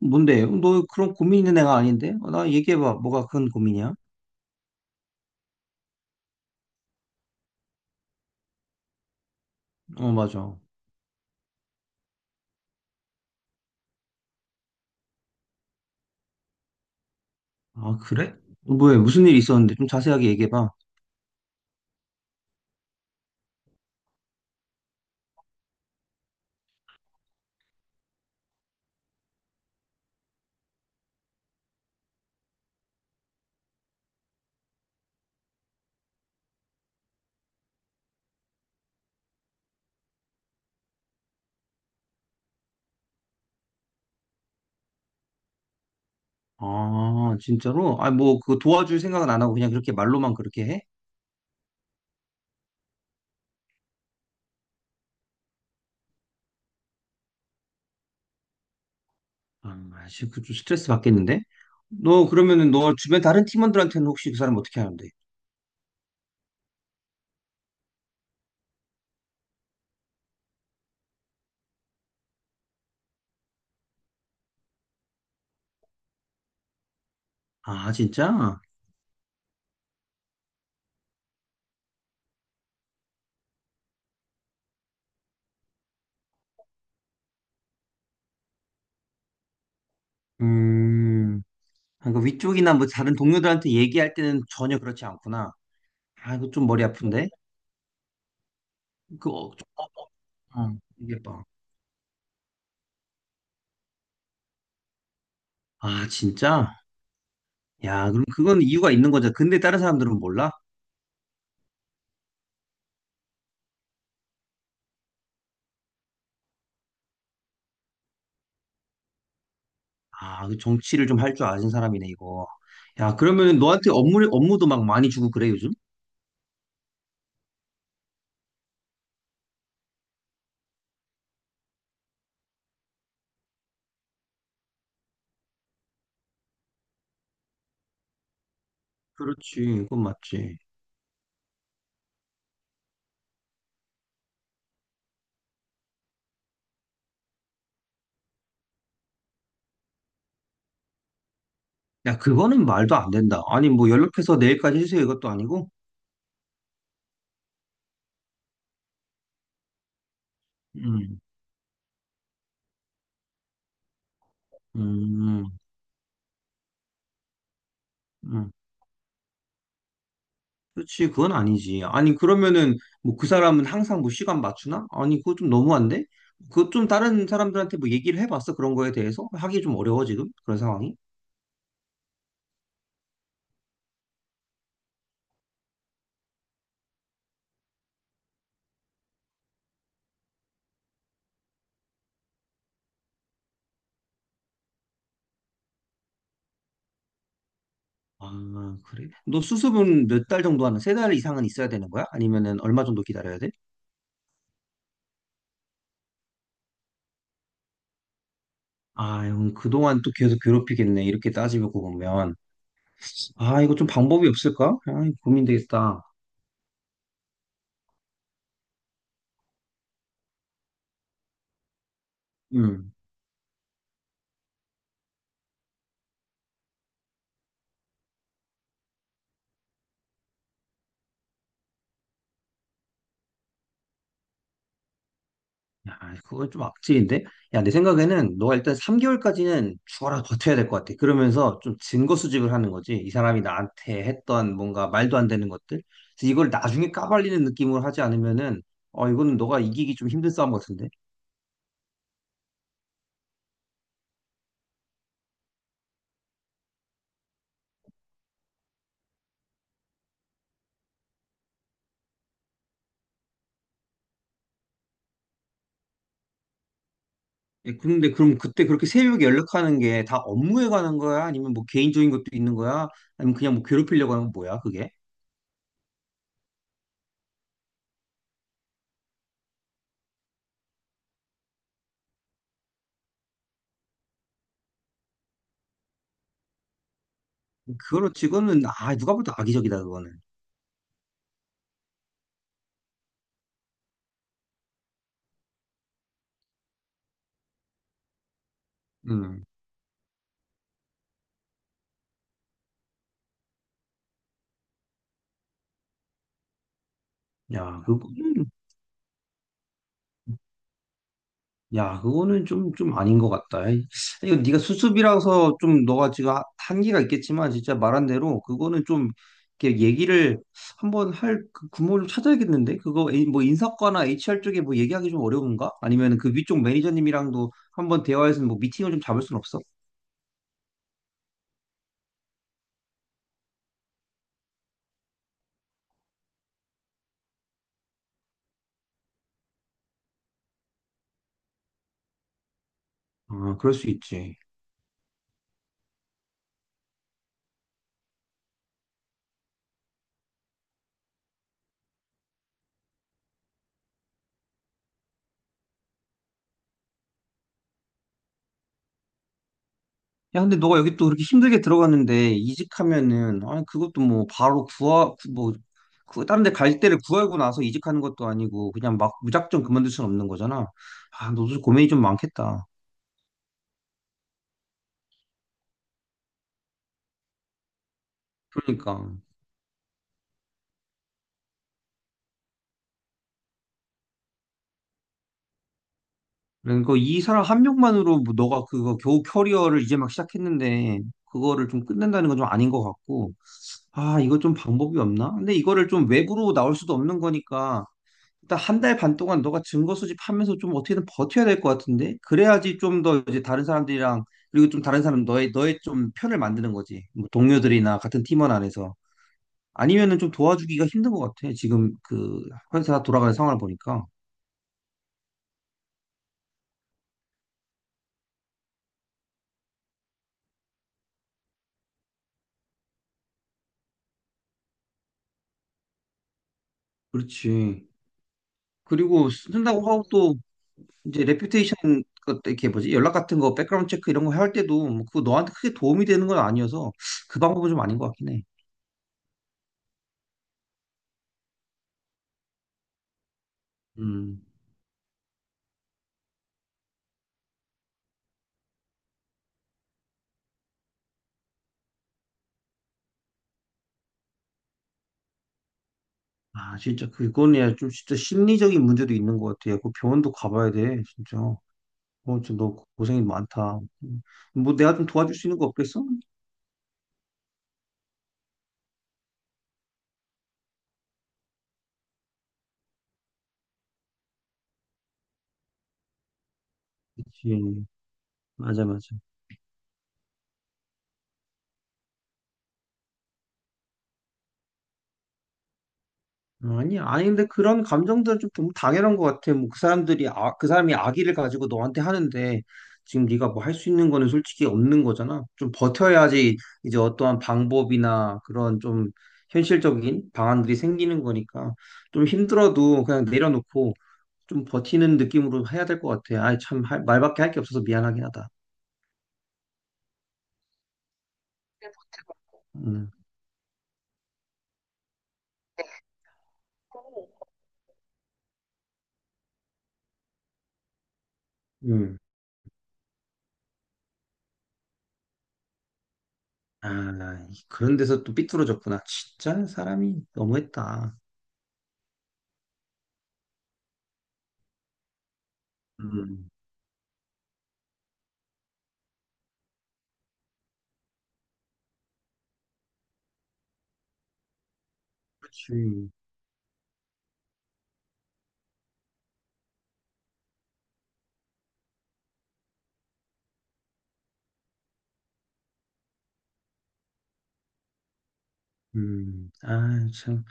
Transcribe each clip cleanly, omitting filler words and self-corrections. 뭔데? 너 그런 고민 있는 애가 아닌데? 어, 나 얘기해봐. 뭐가 큰 고민이야? 어, 맞아. 아, 그래? 뭐야? 무슨 일이 있었는데? 좀 자세하게 얘기해봐. 아, 진짜로? 아, 뭐, 그 도와줄 생각은 안 하고 그냥 그렇게 말로만 그렇게 해? 아, 씨, 그좀 스트레스 받겠는데? 너 그러면은 너 주변 다른 팀원들한테는 혹시 그 사람 어떻게 하는데? 아, 진짜? 음, 아, 그 위쪽이나 뭐 다른 동료들한테 얘기할 때는 전혀 그렇지 않구나. 아, 이거 좀 머리 아픈데? 그, 어, 좀- 어, 얘기해봐. 아, 진짜? 야, 그럼 그건 이유가 있는 거죠. 근데 다른 사람들은 몰라? 아, 그 정치를 좀 할 줄 아는 사람이네, 이거. 야, 그러면 너한테 업무도 막 많이 주고 그래, 요즘? 그렇지, 그건 맞지. 야, 그거는 말도 안 된다. 아니, 뭐 연락해서 내일까지 해주세요, 이것도 아니고? 음, 음, 음. 그렇지, 그건 아니지. 아니, 그러면은 뭐 그 사람은 항상 뭐 시간 맞추나? 아니, 그거 좀 너무한데? 그거 좀 다른 사람들한테 뭐 얘기를 해봤어, 그런 거에 대해서? 하기 좀 어려워, 지금? 그런 상황이? 아, 그래? 너 수습은 몇 달 정도 하는, 세 달 이상은 있어야 되는 거야? 아니면은 얼마 정도 기다려야 돼? 아, 형, 그동안 또 계속 괴롭히겠네. 이렇게 따지고 보면. 아, 이거 좀 방법이 없을까? 아, 고민되겠다. 음. 야, 그건 좀 악질인데? 야, 내 생각에는 너가 일단 3개월까지는 죽어라 버텨야 될 것 같아. 그러면서 좀 증거 수집을 하는 거지. 이 사람이 나한테 했던 뭔가 말도 안 되는 것들. 그래서 이걸 나중에 까발리는 느낌으로 하지 않으면은, 어, 이거는 너가 이기기 좀 힘든 싸움 같은데? 예, 그런데 그럼 그때 그렇게 새벽에 연락하는 게 다 업무에 관한 거야? 아니면 뭐 개인적인 것도 있는 거야? 아니면 그냥 뭐 괴롭히려고 하는 건 뭐야, 그게? 그거로 찍으는 아, 누가 봐도 악의적이다, 그거는. 음. 야, 그거는, 야, 그거는 좀 아닌 것 같다. 에이, 이거 네가 수습이라서 좀 너가 지금 한계가 있겠지만, 진짜 말한 대로 그거는 좀, 이렇게 얘기를 한번 할 그 구멍을 좀 찾아야겠는데? 그거 뭐 인사과나 HR 쪽에 뭐 얘기하기 좀 어려운가? 아니면 그 위쪽 매니저님이랑도 한번 대화해서 뭐 미팅을 좀 잡을 순 없어? 아, 그럴 수 있지. 야, 근데 너가 여기 또 그렇게 힘들게 들어갔는데 이직하면은 아니 그것도 뭐 바로 구하 고뭐 그, 다른 데 갈 때를 구하고 나서 이직하는 것도 아니고 그냥 막 무작정 그만둘 수는 없는 거잖아. 아, 너도 고민이 좀 많겠다. 그러니까. 그러니까 이 사람 한 명만으로 뭐 너가 그거 겨우 커리어를 이제 막 시작했는데 그거를 좀 끝낸다는 건 좀 아닌 것 같고. 아, 이거 좀 방법이 없나? 근데 이거를 좀 외부로 나올 수도 없는 거니까 일단 한 달 반 동안 너가 증거 수집하면서 좀 어떻게든 버텨야 될 것 같은데 그래야지 좀 더 이제 다른 사람들이랑 그리고 좀 다른 사람 너의 좀 편을 만드는 거지 뭐 동료들이나 같은 팀원 안에서 아니면은 좀 도와주기가 힘든 것 같아 지금 그 회사 돌아가는 상황을 보니까. 그렇지. 그리고 쓴다고 하고 또 이제 레퓨테이션 이렇게 뭐지 연락 같은 거 백그라운드 체크 이런 거 할 때도 뭐 그거 너한테 크게 도움이 되는 건 아니어서 그 방법은 좀 아닌 것 같긴 해. 음. 아, 진짜 그거는 좀 진짜 심리적인 문제도 있는 것 같아. 야, 그 병원도 가봐야 돼, 진짜. 어, 진짜 너 고생이 많다. 뭐 내가 좀 도와줄 수 있는 거 없겠어? 그치. 맞아. 어, 아니, 근데 그런 감정들은 좀 너무 당연한 것 같아. 뭐 그 사람들이, 아, 그 사람이 악의를 가지고 너한테 하는데 지금 네가 뭐 할 수 있는 거는 솔직히 없는 거잖아. 좀 버텨야지 이제 어떠한 방법이나 그런 좀 현실적인 방안들이 생기는 거니까 좀 힘들어도 그냥 내려놓고 좀 버티는 느낌으로 해야 될 것 같아. 아이, 참, 말밖에 할 게 없어서 미안하긴 하다. 음, 음. 아, 그런 데서 또 삐뚤어졌구나. 진짜 사람이 너무했다. 음, 그치. 아, 참.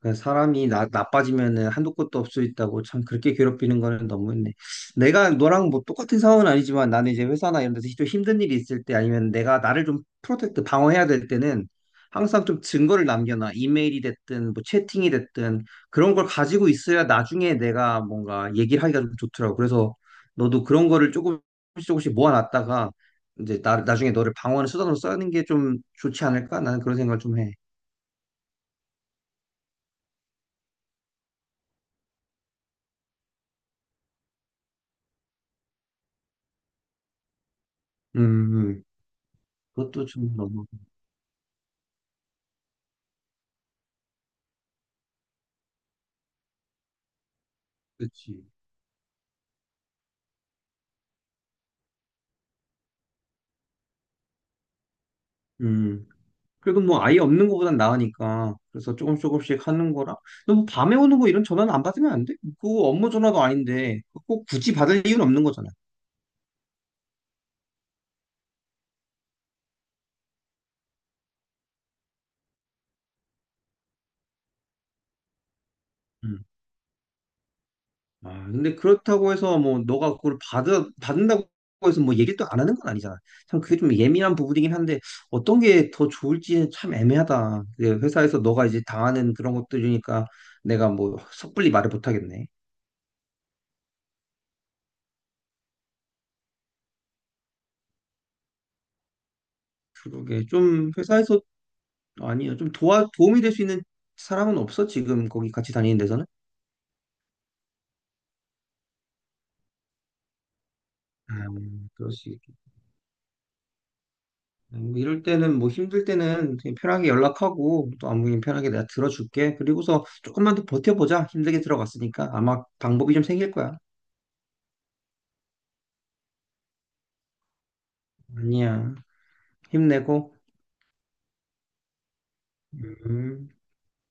그 사람이 나빠지면은 한도 끝도 없을 수 있다고 참 그렇게 괴롭히는 거는 너무했네. 내가 너랑 뭐 똑같은 상황은 아니지만 나는 이제 회사나 이런 데서 좀 힘든 일이 있을 때 아니면 내가 나를 좀 프로텍트 방어해야 될 때는 항상 좀 증거를 남겨놔. 이메일이 됐든 뭐 채팅이 됐든 그런 걸 가지고 있어야 나중에 내가 뭔가 얘기를 하기가 좀 좋더라고. 그래서 너도 그런 거를 조금씩 조금씩 모아놨다가 이제 나중에 너를 방어하는 수단으로 쓰는 게 좀 좋지 않을까? 나는 그런 생각을 좀 해. 음, 음. 그것도 좀 너무. 그치. 음. 그래도 뭐 아예 없는 거보단 나으니까. 그래서 조금씩 하는 거라. 너뭐 밤에 오는 거 이런 전화는 안 받으면 안 돼? 그거 업무 전화도 아닌데 그거 꼭 굳이 받을 이유는 없는 거잖아. 음. 아, 근데 그렇다고 해서 뭐 너가 그걸 받아 받는다고 해서 뭐 얘기를 또 안 하는 건 아니잖아. 참 그게 좀 예민한 부분이긴 한데 어떤 게 더 좋을지 참 애매하다. 그게 회사에서 너가 이제 당하는 그런 것들이니까 내가 뭐 섣불리 말을 못 하겠네. 그러게 좀 회사에서 아니요. 도움이 될 수 있는 사람은 없어? 지금 거기 같이 다니는 데서는? 그렇지. 뭐 이럴 때는 뭐 힘들 때는 그냥 편하게 연락하고 또 안부인 편하게 내가 들어줄게. 그리고서 조금만 더 버텨보자. 힘들게 들어갔으니까 아마 방법이 좀 생길 거야. 아니야. 힘내고. 음.